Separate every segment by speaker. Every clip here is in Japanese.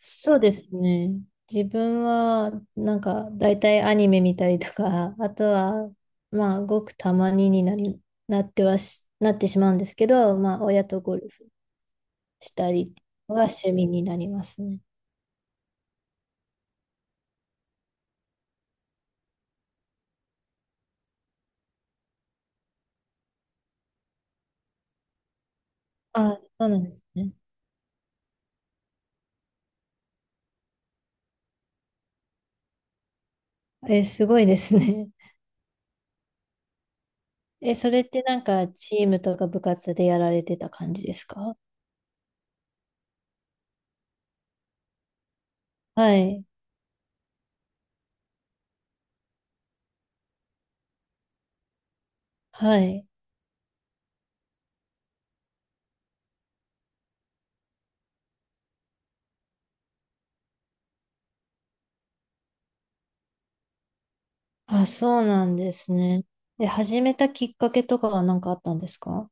Speaker 1: そうですね。自分は、大体アニメ見たりとか、あとは、まあ、ごくたまにになり、なってはし、なってしまうんですけど、まあ、親とゴルフしたりが趣味になりますね。あ、そうなんですね。え、すごいですね。え、それってなんか、チームとか部活でやられてた感じですか？はい。はい。あ、そうなんですね。で、始めたきっかけとかは何かあったんですか？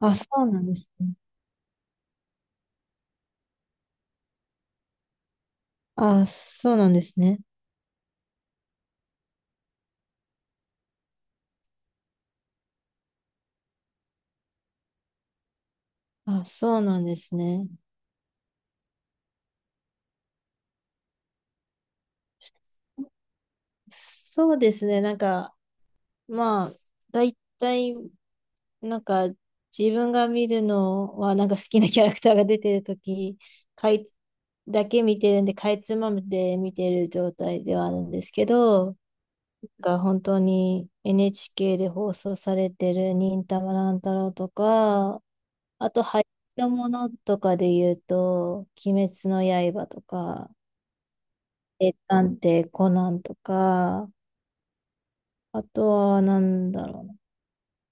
Speaker 1: あ、そうなんですね。あ、そうなんですね。あ、そうなんですね。そうですね。まあ、大体、なんか、自分が見るのは、なんか好きなキャラクターが出てるとき、かいつ、だけ見てるんで、かいつまんで見てる状態ではあるんですけど、が本当に NHK で放送されてる忍たま乱太郎とか、あと、流行りのものとかで言うと、鬼滅の刃とか、名探偵コナンとか、あとはなんだろうな。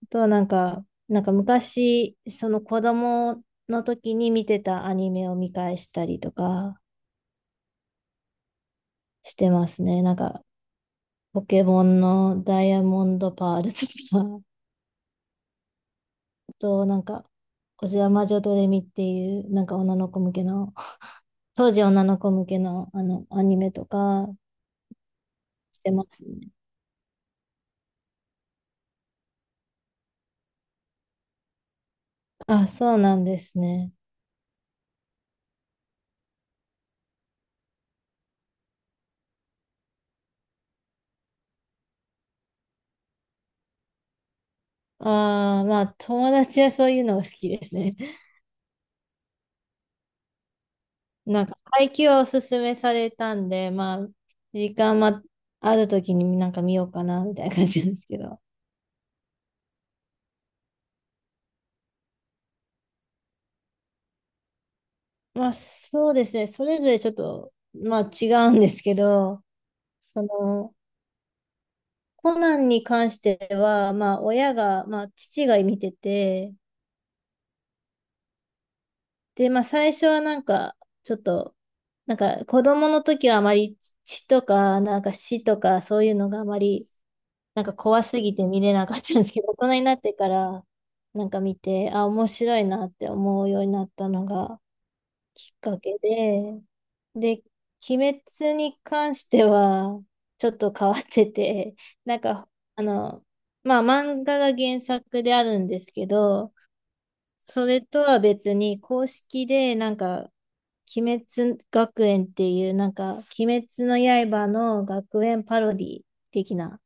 Speaker 1: あとはなんか、なんか昔、その子供の時に見てたアニメを見返したりとかしてますね。なんか、ポケモンのダイヤモンドパールとか、あとなんか、おじや魔女ドレミっていう、なんか女の子向けの、当時女の子向けのあの、アニメとかしてますね。あ、そうなんですね。ああ、まあ、友達はそういうのが好きですね。なんか、配給はおすすめされたんで、まあ、時間まあるときになんか見ようかな、みたいな感じなんですけど。まあ、そうですね。それぞれちょっと、まあ、違うんですけど、その、コナンに関しては、まあ、親が、まあ、父が見てて、で、まあ、最初はなんか、ちょっと、なんか、子供の時はあまり血とか、なんか死とか、そういうのがあまり、なんか怖すぎて見れなかったんですけど、大人になってから、なんか見て、あ、面白いなって思うようになったのがきっかけで、で、鬼滅に関しては、ちょっと変わってて、なんか、あの、まあ、漫画が原作であるんですけど、それとは別に、公式で、なんか、鬼滅学園っていう、なんか、鬼滅の刃の学園パロディ的な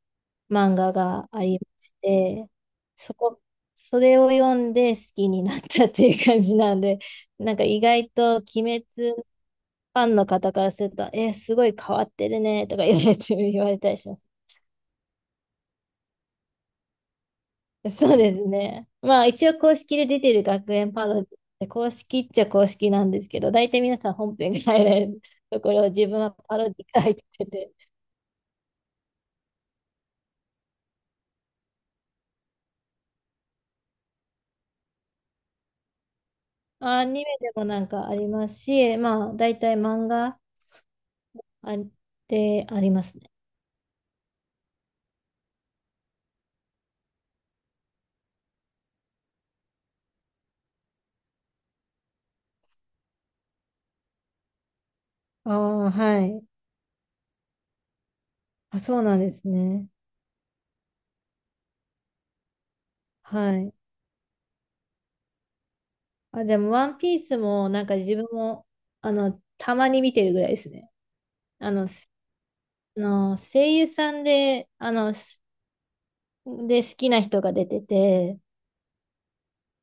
Speaker 1: 漫画がありまして、そこ、それを読んで好きになったっていう感じなんで、なんか意外と鬼滅ファンの方からすると、え、すごい変わってるねとか言われたりします。そうですね。まあ一応公式で出てる学園パロディで、公式っちゃ公式なんですけど、大体皆さん本編が入れるところを 自分はパロディから入ってて、アニメでもなんかありますし、まあ大体漫画あでありますね。ああ、はい。あ、そうなんですね。はい。あ、でも、ワンピースも、なんか自分も、あの、たまに見てるぐらいですね。あの、すあの声優さんで、好きな人が出てて、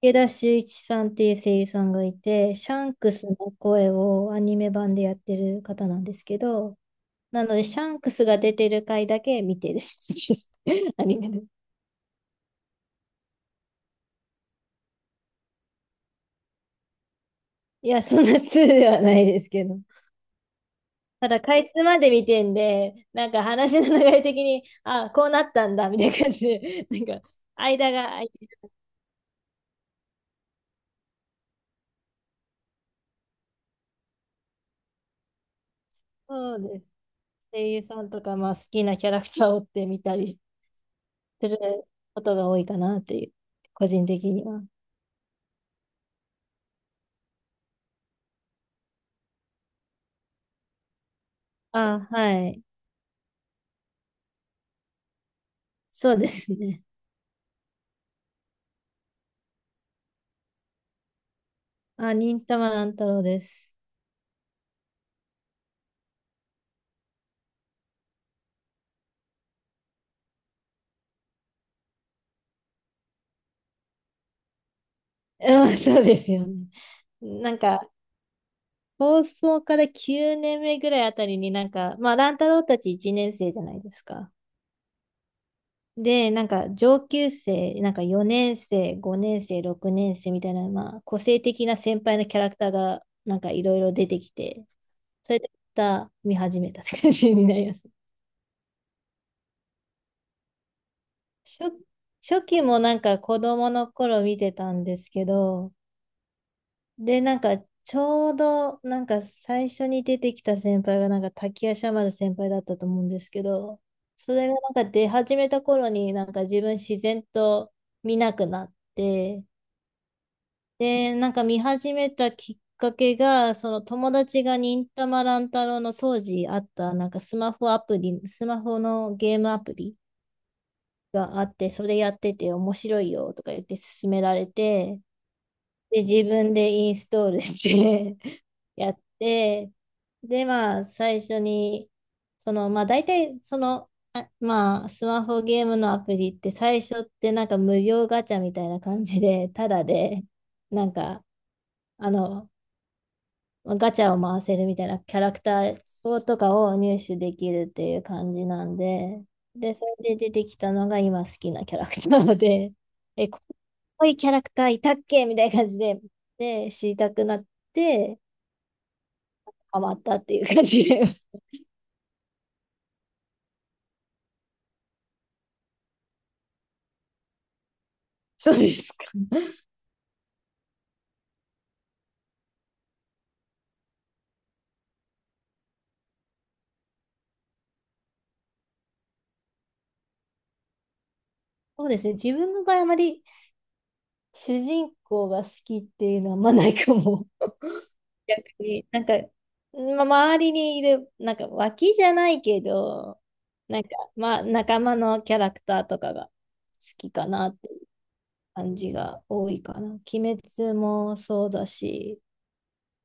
Speaker 1: 池田秀一さんっていう声優さんがいて、シャンクスの声をアニメ版でやってる方なんですけど、なので、シャンクスが出てる回だけ見てる アニメで。いや、そんな通ではないですけど。ただ、かいつまで見てんで、なんか話の流れ的に、あ、こうなったんだ、みたいな感じで、なんか、間が空いて、そうです。声優さんとか、まあ、好きなキャラクターを追ってみたりすることが多いかなっていう、個人的には。あ、はい。そうですね。あ、忍たま乱太郎です。うんそうですよね。なんか、放送から9年目ぐらいあたりになんか、まあ、乱太郎たち1年生じゃないですか。で、なんか上級生、なんか4年生、5年生、6年生みたいな、まあ、個性的な先輩のキャラクターが、なんかいろいろ出てきて、それでまた見始めたって感じになります。初、初期もなんか子供の頃見てたんですけど、で、なんかちょうど、なんか最初に出てきた先輩が、なんか滝夜叉丸先輩だったと思うんですけど、それがなんか出始めた頃に、なんか自分自然と見なくなって、で、なんか見始めたきっかけが、その友達が忍たま乱太郎の当時あった、なんかスマホアプリ、スマホのゲームアプリがあって、それやってて面白いよとか言って勧められて、で、自分でインストールして やって、で、まあ、最初に、大体、スマホゲームのアプリって最初ってなんか無料ガチャみたいな感じで、ただで、なんか、あの、ガチャを回せるみたいなキャラクターをとかを入手できるっていう感じなんで、で、それで出てきたのが今好きなキャラクターなので、え、こういうキャラクターいたっけみたいな感じで、で、知りたくなって、ハマったっていう感じで。そうですか。そうですね。自分の場合、あまり主人公が好きっていうのはあんまないかも。逆に、なんか、ま、周りにいる、なんか脇じゃないけど、なんか、仲間のキャラクターとかが好きかなっていう感じが多いかな。鬼滅もそうだし、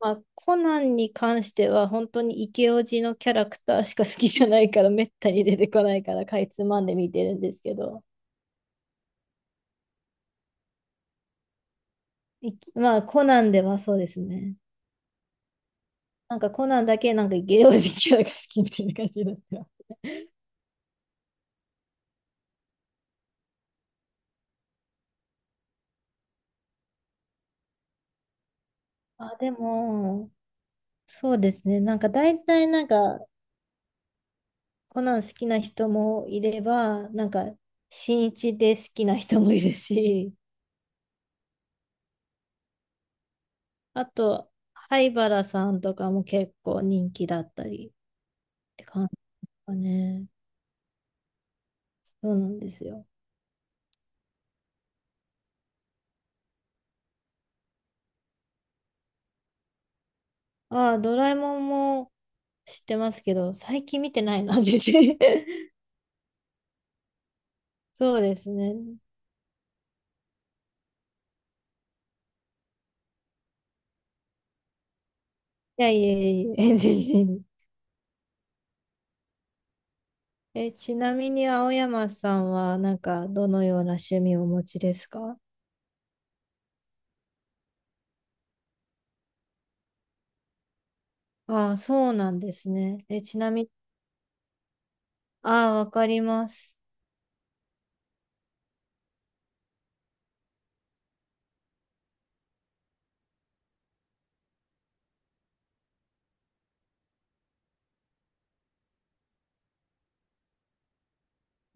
Speaker 1: まあ、コナンに関しては本当にイケオジのキャラクターしか好きじゃないから、めったに出てこないから、かいつまんで見てるんですけど、いまあ、コナンではそうですね。なんかコナンだけなんかイケオジキャラが好きみたいな感じだった。あ、でも、そうですね。なんか大体なんかコナン好きな人もいれば、なんか新一で好きな人もいるし、あと灰原さんとかも結構人気だったりって感じかね。そうなんですよ。ああ、ドラえもんも知ってますけど、最近見てないな、全然。そうですね。いやいやいや全然。え、ちなみに青山さんはなんかどのような趣味をお持ちですか？ああ、そうなんですね。え、ちなみに、ああ、わかります。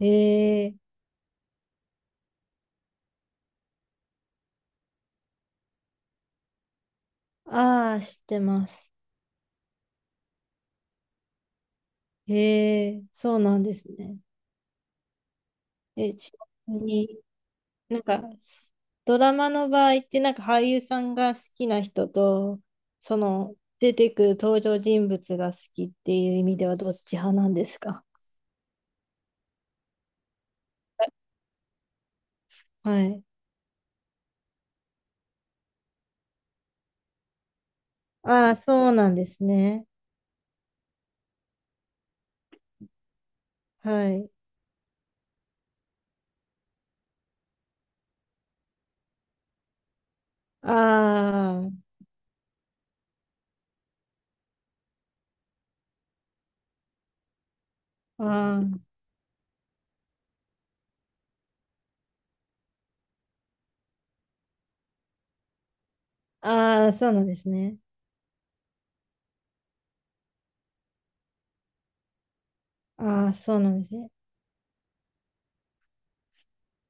Speaker 1: ええああ、知ってます。ええそうなんですね。え、ちなみに、なんか、ドラマの場合って、なんか俳優さんが好きな人と、その、出てくる登場人物が好きっていう意味ではどっち派なんですか？はい。ああ、そうなんですね。はい。ああ、ああ、ああ、そうなんですね。ああ、そうなんですね。